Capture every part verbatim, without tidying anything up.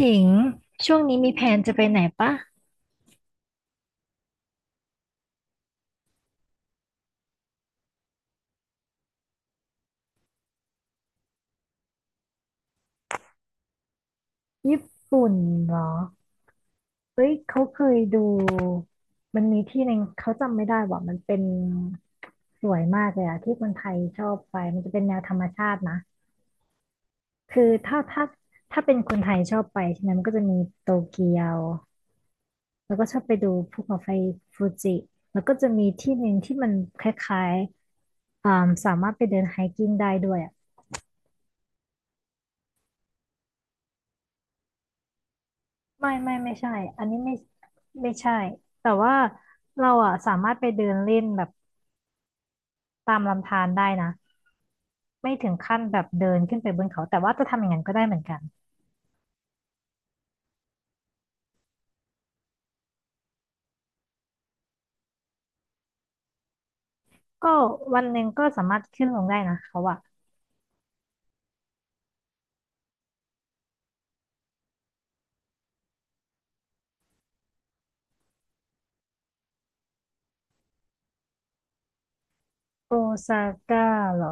ถิงช่วงนี้มีแผนจะไปไหนปะญี่ปุ่นเหรอเฮ้ยเขาเคยดูมันมีที่หนึ่งเขาจำไม่ได้ว่ามันเป็นสวยมากเลยอะที่คนไทยชอบไปมันจะเป็นแนวธรรมชาตินะคือถ้าถ้าถ้าเป็นคนไทยชอบไปใช่ไหมมันก็จะมีโตเกียวแล้วก็ชอบไปดูภูเขาไฟฟูจิแล้วก็จะมีที่หนึ่งที่มันคล้ายๆอ่าสามารถไปเดินไฮกิ้งได้ด้วยอะ ไม่ไม่ไม่ใช่อันนี้ไม่ไม่ใช่ แต่ว่าเราอ่ะสามารถไปเดินเล่นแบบตามลำธารได้นะไม่ถึงขั้นแบบเดินขึ้นไปบนเขาแต่ว่าจะทำอย่างนั้นก็ได้เหมือนกันก็วันหนึ่งก็สามารถขึ้นลงได้นะเขาอะโอซาก้าเหรอ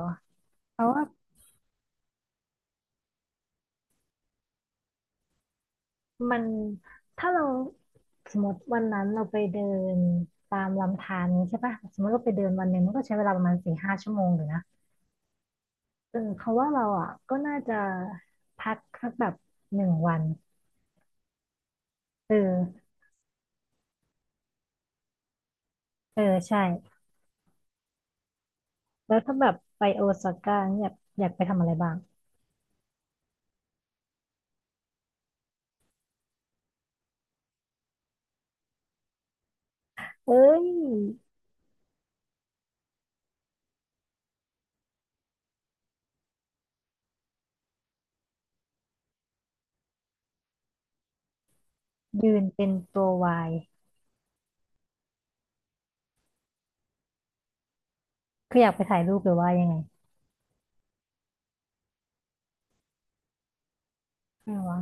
เพราะว่ามันถ้าเราสมมติวันนั้นเราไปเดินตามลำธารนี้ใช่ปะสมมติเราไปเดินวันหนึ่งมันก็ใช้เวลาประมาณสี่ห้าชั่วโมงอยู่นะเออเขาะว่าเราอ่ะก็น่าจะพักสักแบบหนึ่งวันเออ เออใช่แล้วถ้าแบบไปโอซาก้าเนี่ยอยากไปทำอะไรบ้างเอ้ยยืนเป็นตัววายคืออยากไปถ่ายรูปหรือว่ายังไงไม่วะ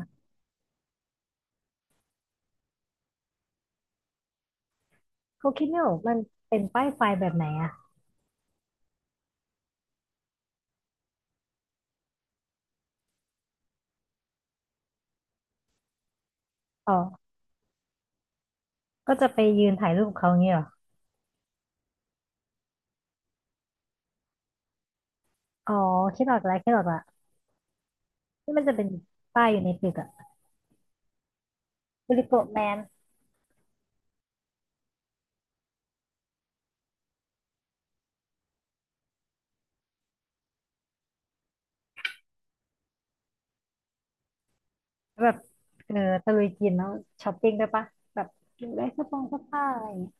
เขาคิดไม่ออกมันเป็นป้ายไฟแบบไหนอะอ๋อก็จะไปยืนถ่ายรูปกับเขาอย่างเงี้ยเหรออ๋อคิดออกแล้วคิดออกละที่มันจะเป็นป้ายอยู่ในตึกอะบริโกะแมนแบบเออตะลุยกินแล้วช้อปปิ้งด้วยปะแบบกินได้เสื้อผ้าเสื้อผ้าอะไรอย่างเงี้ย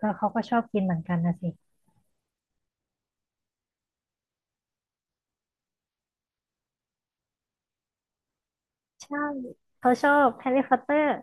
ก็เขาก็ชอบกินเหมือนกันนะสิใช่เขาชอบแฮร์รี่พอตเตอร์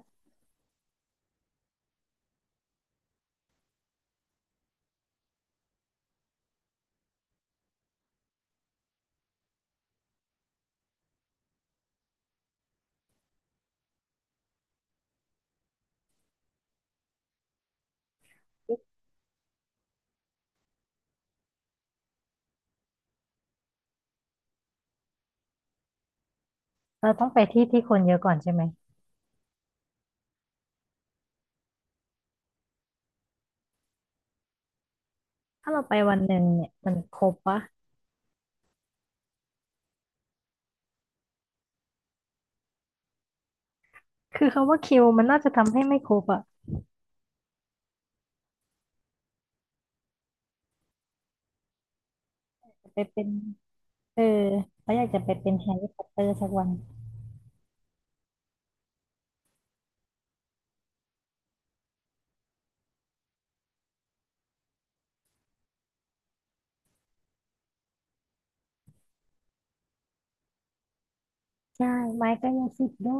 เราต้องไปที่ที่คนเยอะก่อนใช่ไหมถ้าเราไปวันหนึ่งเนี่ยมันครบปะ คือคำว่าคิวมันน่าจะทำให้ไม่ครบอะไปเป็นเออเขาอยากจะไปเป็นแฮร์รี่พอตเตอร์สักวันใช่ไม้ก็ยังสิบได้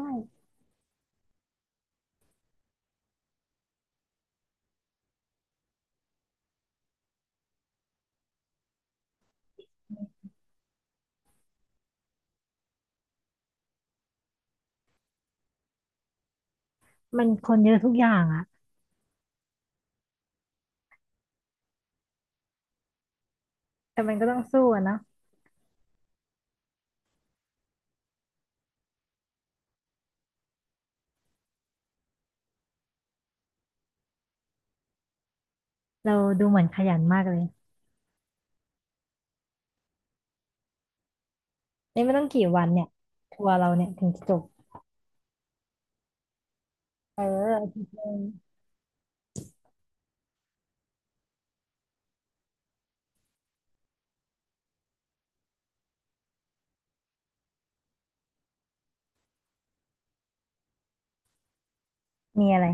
มันคนเยอะทุกอย่างอะแต่มันก็ต้องสู้อะเนาะเราดูเหมือนขยันมากเลยนี่ไม่ต้องกี่วันเนี่ยทัวร์เราเนี่ยถึงจะจบเอออาทิตย์หนึงมีอะไร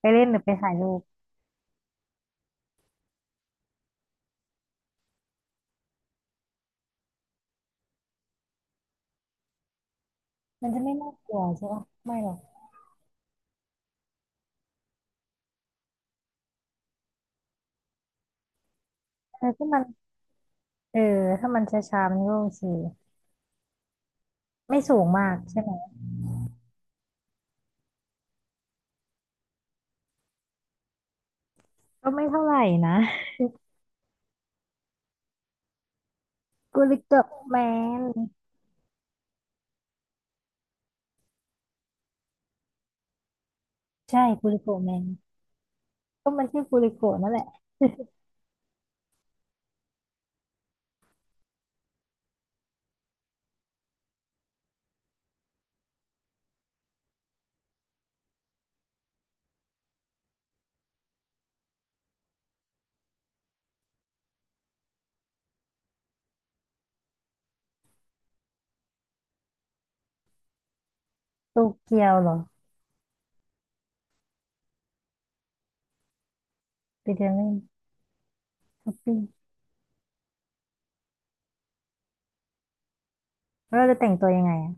ไปเล่นหรือไปถ่ายรูปมันจะไม่น่ากลัวใช่ปะไม่หรอกแต่ถ้ามันเออถ้ามันช้าๆมันก็โอเคไม่สูงมากใช่ไหม ก็ไม่เท่าไหร่นะกูริโกะแมนใช่กูริโกะแมนก็มันชื่อกูริโกะนั่นแหละโตเกียวเหรอไปเดินเล่นช้อปปิ้งแล้วเราจะแต่งตัวยังไงอ่ะ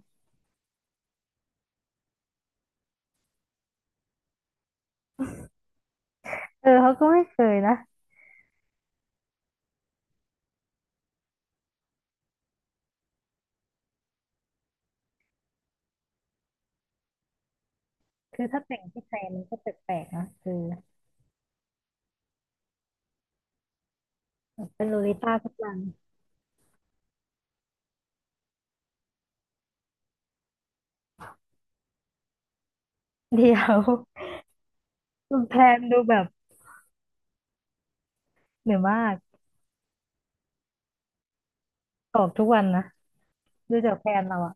เออเขาก็ไม่เคยนะคือถ้าแต่งที่ไทยมันก็แปลกๆนะคือเป็นลูลิต้าทุกวันเดี๋ยวคุณแพนดูแบบเหนื่อยมากออกทุกวันนะดูจากแพนเราอ่ะ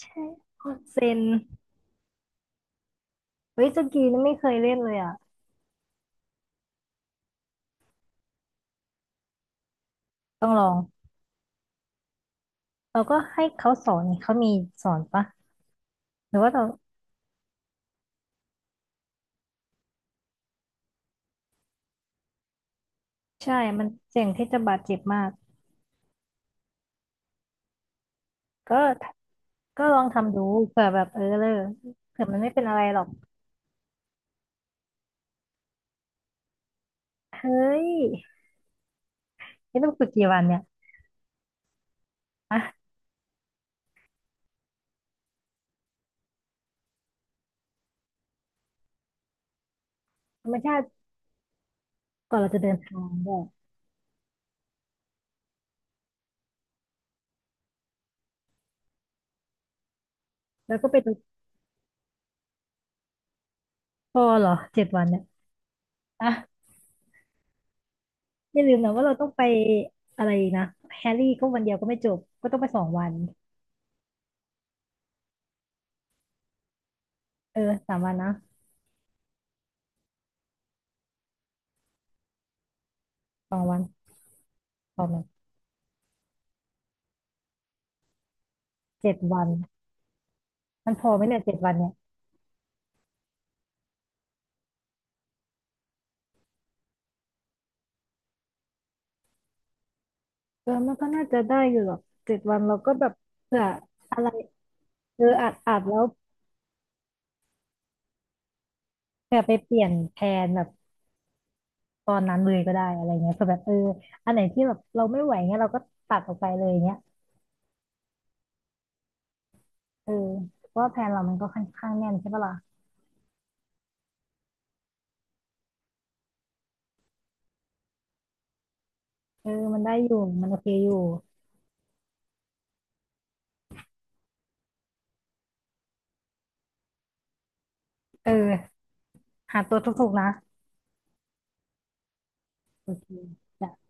ใช่คนเซนเฮ้ยสกีนี่ไม่เคยเล่นเลยอ่ะต้องลองเราก็ให้เขาสอนนี่เขามีสอนปะหรือว่าเรา ใช่มันเสี่ยงที่จะบาดเจ็บมากก็ก็ลองทำดูเผื่อแบบเออเลยเผื่อมันไม่เป็นอะไรหรอกเฮ้ยนี่ต้องฝึกกี่วันเนี่ยอะธรรมชาติก่อนเราจะเดินทางด้วยแล้วก็ไปดูพอเหรอเจ็ดวันเนี่ยอะอย่าลืมนะว่าเราต้องไปอะไรนะแฮร์รี่ก็วันเดียวก็ไม่จบก็ต้องไปสองวันเออสามวันนะสองวันพอไหมเจ็ดวันมันพอไหมเนี่ยเจ็ดวันเนี่ยเออมันก็น่าจะได้อยู่หรอกเจ็ดวันเราก็แบบเผื่ออะไรเอออาจอาจแล้ว เผื่อไปเปลี่ยนแผนแบบตอนนั้นเลยก็ได้อะไรเงี้ยเผื่อแบบเอออันไหนที่แบบเราไม่ไหวเงี้ยเราก็ตัดออกไปเลยเงี้ยเออเพราะว่าแผนเรามันก็ค่อนข้างแน่นใช่ปะล่ะเออมันได้อยู่ มันโอเคอยู่เออหาตัวถูกๆนะโอเคจ้ะ